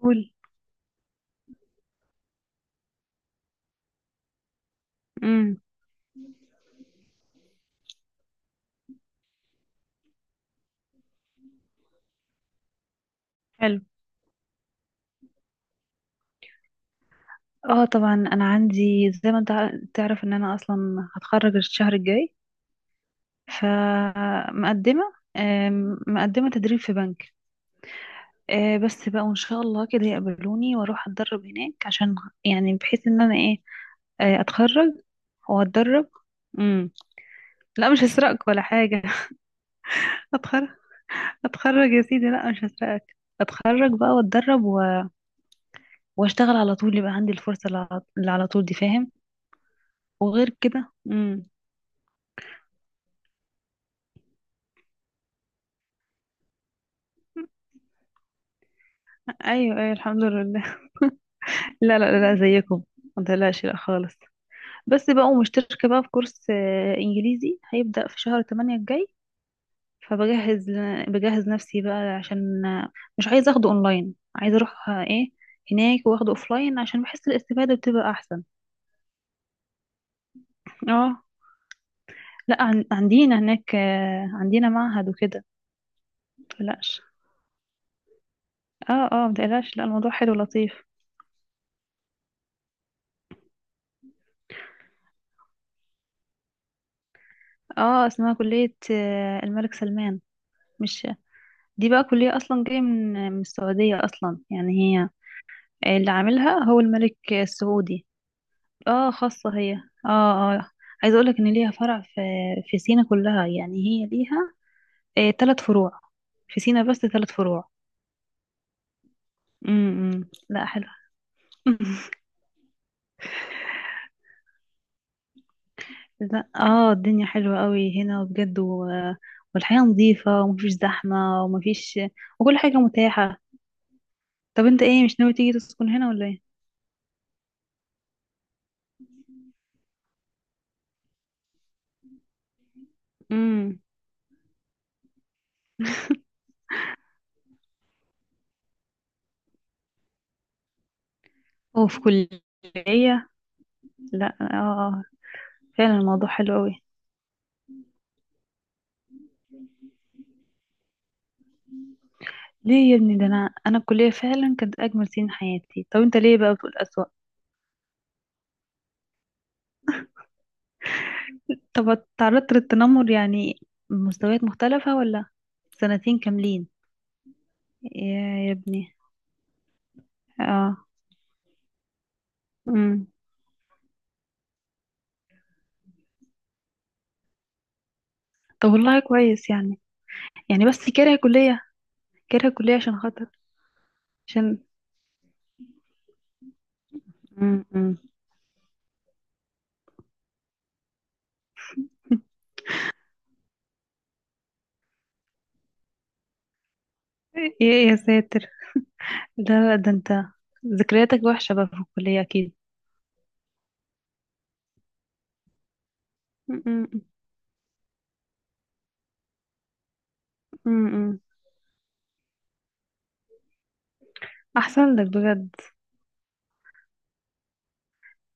قول. امم. حلو. اه، طبعا انا عندي زي ما انت تعرف ان انا اصلا هتخرج الشهر الجاي. فمقدمه، مقدمه تدريب في بنك. بس بقى وان شاء الله كده يقبلوني واروح اتدرب هناك عشان يعني بحيث ان انا ايه، اتخرج واتدرب. امم لا مش هسرقك ولا حاجه. اتخرج، اتخرج يا سيدي، لا مش هسرقك. اتخرج بقى واتدرب و... واشتغل على طول، يبقى عندي الفرصه اللي على طول دي. فاهم؟ وغير كده. ايوه، ايوه، الحمد لله. لا لا لا، زيكم. ما تقلقش، لا خالص. بس بقى ومشتركه بقى في كورس انجليزي هيبدأ في شهر 8 الجاي. فبجهز، بجهز نفسي بقى عشان مش عايزه اخده اونلاين، عايزه اروح آه، ايه هناك واخده اوفلاين، عشان بحس الاستفادة بتبقى احسن. اه، لا عندنا هناك، آه، عندنا معهد وكده، متقلقش. اه اه، متقلقش، لا الموضوع حلو لطيف. اه، اسمها كلية الملك سلمان. مش، دي بقى كلية أصلا جاية من السعودية أصلا، يعني هي اللي عاملها هو الملك السعودي. اه، خاصة هي. اه اه. عايزة أقولك إن ليها فرع في سينا كلها، يعني هي ليها تلات فروع في سينا، بس تلات فروع. امم، لا حلوة. لا اه، الدنيا حلوة قوي هنا بجد و... والحياة نظيفة، ومفيش زحمة، ومفيش، وكل حاجة متاحة. طب انت ايه، مش ناوي تيجي تسكن هنا ولا ايه؟ امم، وفي كلية. لا اه فعلا الموضوع حلو قوي. ليه يا ابني، ده انا الكليه فعلا كانت اجمل سنين حياتي، طب انت ليه بقى بتقول اسوأ؟ طب تعرضت للتنمر يعني مستويات مختلفه ولا؟ سنتين كاملين؟ يا، يا ابني. اه. امم. طب والله كويس يعني، يعني بس كاره كليه، كاره كليه عشان خاطر، عشان أمم. يا يا ساتر، ده انت، ذكرياتك وحشه بقى في الكليه اكيد. امم، امم، أمم. احسن لك بجد.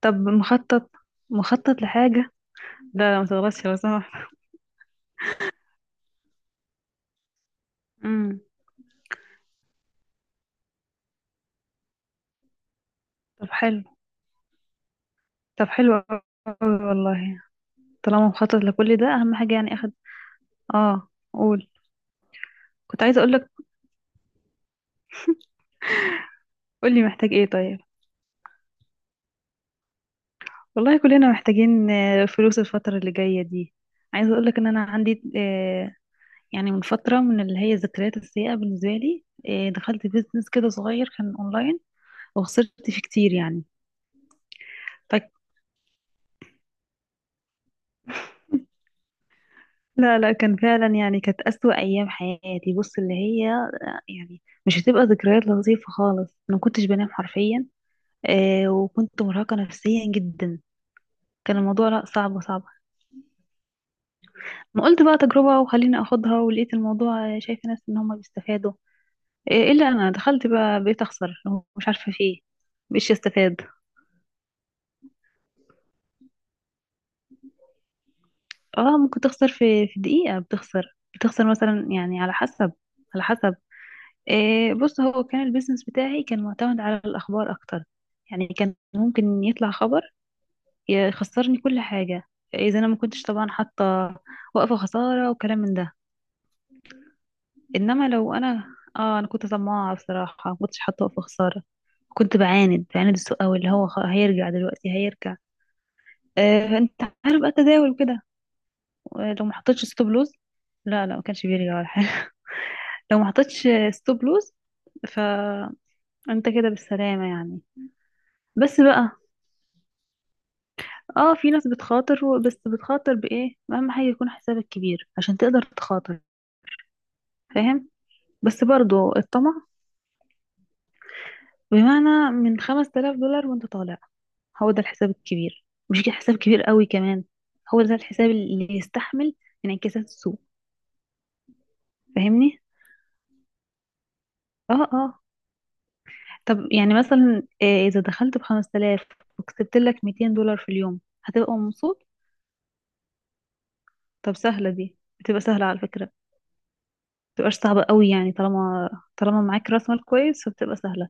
طب مخطط، مخطط لحاجه. لا لا ما تضغطش لو سمحت. امم. طب حلو، طب حلو أوي، والله. طالما مخطط لكل ده، أهم حاجة يعني. أخد، اه قول. كنت عايزة أقولك، قولي محتاج ايه طيب. والله كلنا محتاجين فلوس الفترة اللي جاية دي. عايزة أقولك إن أنا عندي، يعني من فترة، من اللي هي الذكريات السيئة بالنسبة لي، دخلت بيزنس كده صغير كان أونلاين، وخسرت فيه كتير يعني. فك... لا لا كان فعلا يعني كانت أسوأ أيام حياتي، بص اللي هي يعني مش هتبقى ذكريات لطيفة خالص. ما كنتش بنام حرفيا، وكنت مرهقة نفسيا جدا. كان الموضوع، لا، صعب صعب. ما قلت بقى تجربة وخليني اخدها، ولقيت الموضوع شايفة ناس ان هم بيستفادوا. الا انا دخلت بقى بقيت اخسر، مش عارفة في ايه، مش استفاد. اه ممكن تخسر في دقيقة، بتخسر مثلا، يعني على حسب، على حسب بص هو كان البيزنس بتاعي كان معتمد على الاخبار اكتر، يعني كان ممكن يطلع خبر خسرني كل حاجة، اذا انا ما كنتش طبعا حاطة وقفة خسارة وكلام من ده. انما لو انا، اه انا كنت طماعة بصراحة، ما كنتش حاطة وقفة خسارة، كنت بعاند السوق قوي، اللي هو هيرجع دلوقتي، هيرجع. فانت عارف بقى التداول كده، لو ما حطيتش ستوب لوز، لا لا ما كانش بيرجع ولا حاجة. لو ما حطيتش ستوب لوز فانت كده بالسلامة يعني. بس بقى، اه في ناس بتخاطر بس بتخاطر بايه؟ اهم حاجة يكون حسابك كبير عشان تقدر تخاطر، فاهم؟ بس برضو الطمع، بمعنى من $5000 وانت طالع، هو ده الحساب الكبير، مش كده حساب كبير قوي كمان، هو ده الحساب اللي يستحمل انعكاسات السوق. فاهمني؟ اه اه. طب يعني مثلا، اذا دخلت ب 5000 وكسبت لك $200 في اليوم، هتبقى مبسوط. طب سهلة، دي بتبقى سهلة على فكرة، متبقاش صعبة قوي يعني، طالما معاك راس مال كويس فبتبقى سهلة.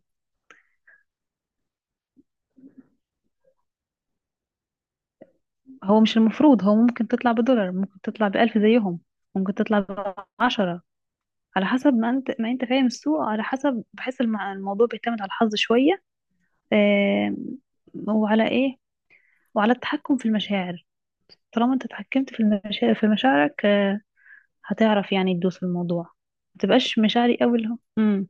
هو مش المفروض، هو ممكن تطلع بدولار، ممكن تطلع بألف زيهم، ممكن تطلع بعشرة، على حسب ما انت فاهم السوق. على حسب، بحس الموضوع بيعتمد على الحظ شوية، آم، وعلى ايه، وعلى التحكم في المشاعر. طالما انت اتحكمت في المشاعر، في مشاعرك، هتعرف يعني تدوس في الموضوع، ما تبقاش مشاعري قوي اللي هو.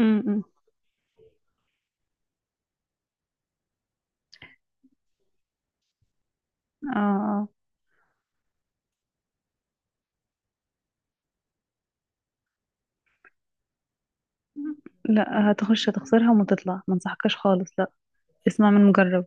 امم. اه لا هتخش هتخسرها وتطلع، ما انصحكش خالص، لا. اسمع من مجرب.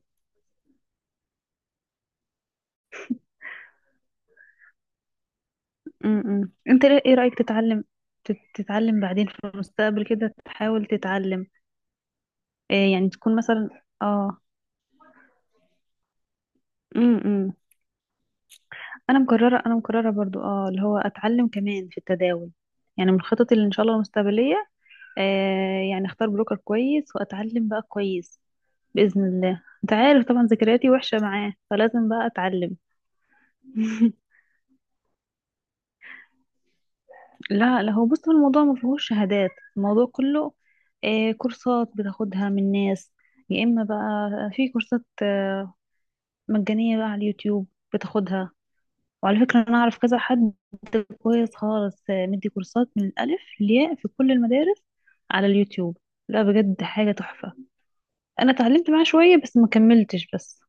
امم، انت ايه رأيك تتعلم، تتعلم بعدين في المستقبل، كده تحاول تتعلم، إيه يعني تكون مثلا، اه. امم. انا مقرره برضو، اه اللي هو اتعلم كمان في التداول، يعني من خططي اللي ان شاء الله المستقبليه. يعني اختار بروكر كويس، واتعلم بقى كويس، باذن الله. انت عارف طبعا ذكرياتي وحشه معاه، فلازم بقى اتعلم. لا لا، هو بص هو الموضوع ما فيهوش شهادات، الموضوع كله كورسات بتاخدها من ناس، يا اما بقى في كورسات مجانيه بقى على اليوتيوب بتاخدها. وعلى فكره انا اعرف كذا حد كويس خالص، مدي كورسات من الألف للياء في كل المدارس على اليوتيوب. لا بجد حاجة تحفة، أنا اتعلمت معاه شوية بس ما كملتش بس.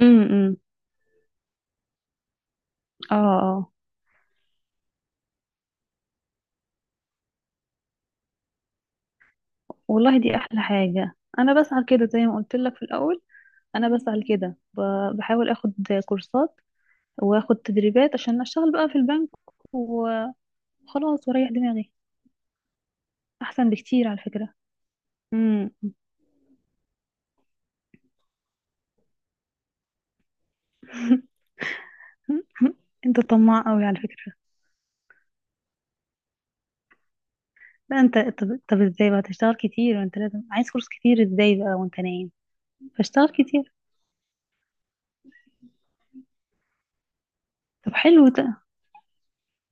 امم. اه اه. والله دي أحلى حاجة. أنا بسعى كده زي ما قلت لك في الأول، أنا بسعى كده، بحاول أخد كورسات، وأخد تدريبات عشان أشتغل بقى في البنك، وخلاص، وأريح دماغي. أحسن بكتير على فكرة. امم. أنت طماع أوي على فكرة. لا انت، طب، ازاي بقى تشتغل كتير وانت لازم عايز فلوس كتير، ازاي بقى وانت نايم؟ فاشتغل كتير. طب حلو ده.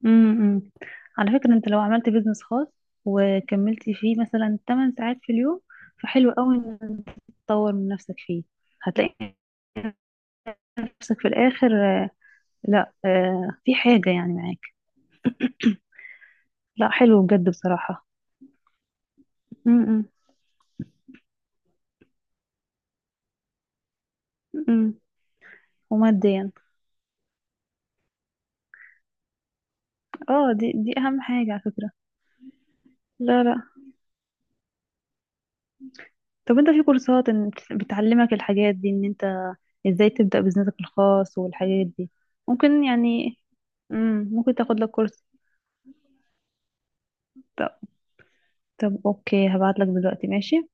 امم. امم. على فكرة انت لو عملت بيزنس خاص وكملت فيه مثلا 8 ساعات في اليوم، فحلو قوي ان انت تطور من نفسك فيه، هتلاقي نفسك في الاخر لا في حاجة يعني معاك. لا حلو بجد بصراحة. امم، امم، امم. وماديا، اه دي اهم حاجة على فكرة. لا لا. طب انت في كورسات بتعلمك الحاجات دي، ان انت ازاي تبدأ بزنسك الخاص والحاجات دي، ممكن يعني. مم. ممكن تاخد لك كورس. طب, طب، اوكي، هبعت لك دلوقتي، ماشي.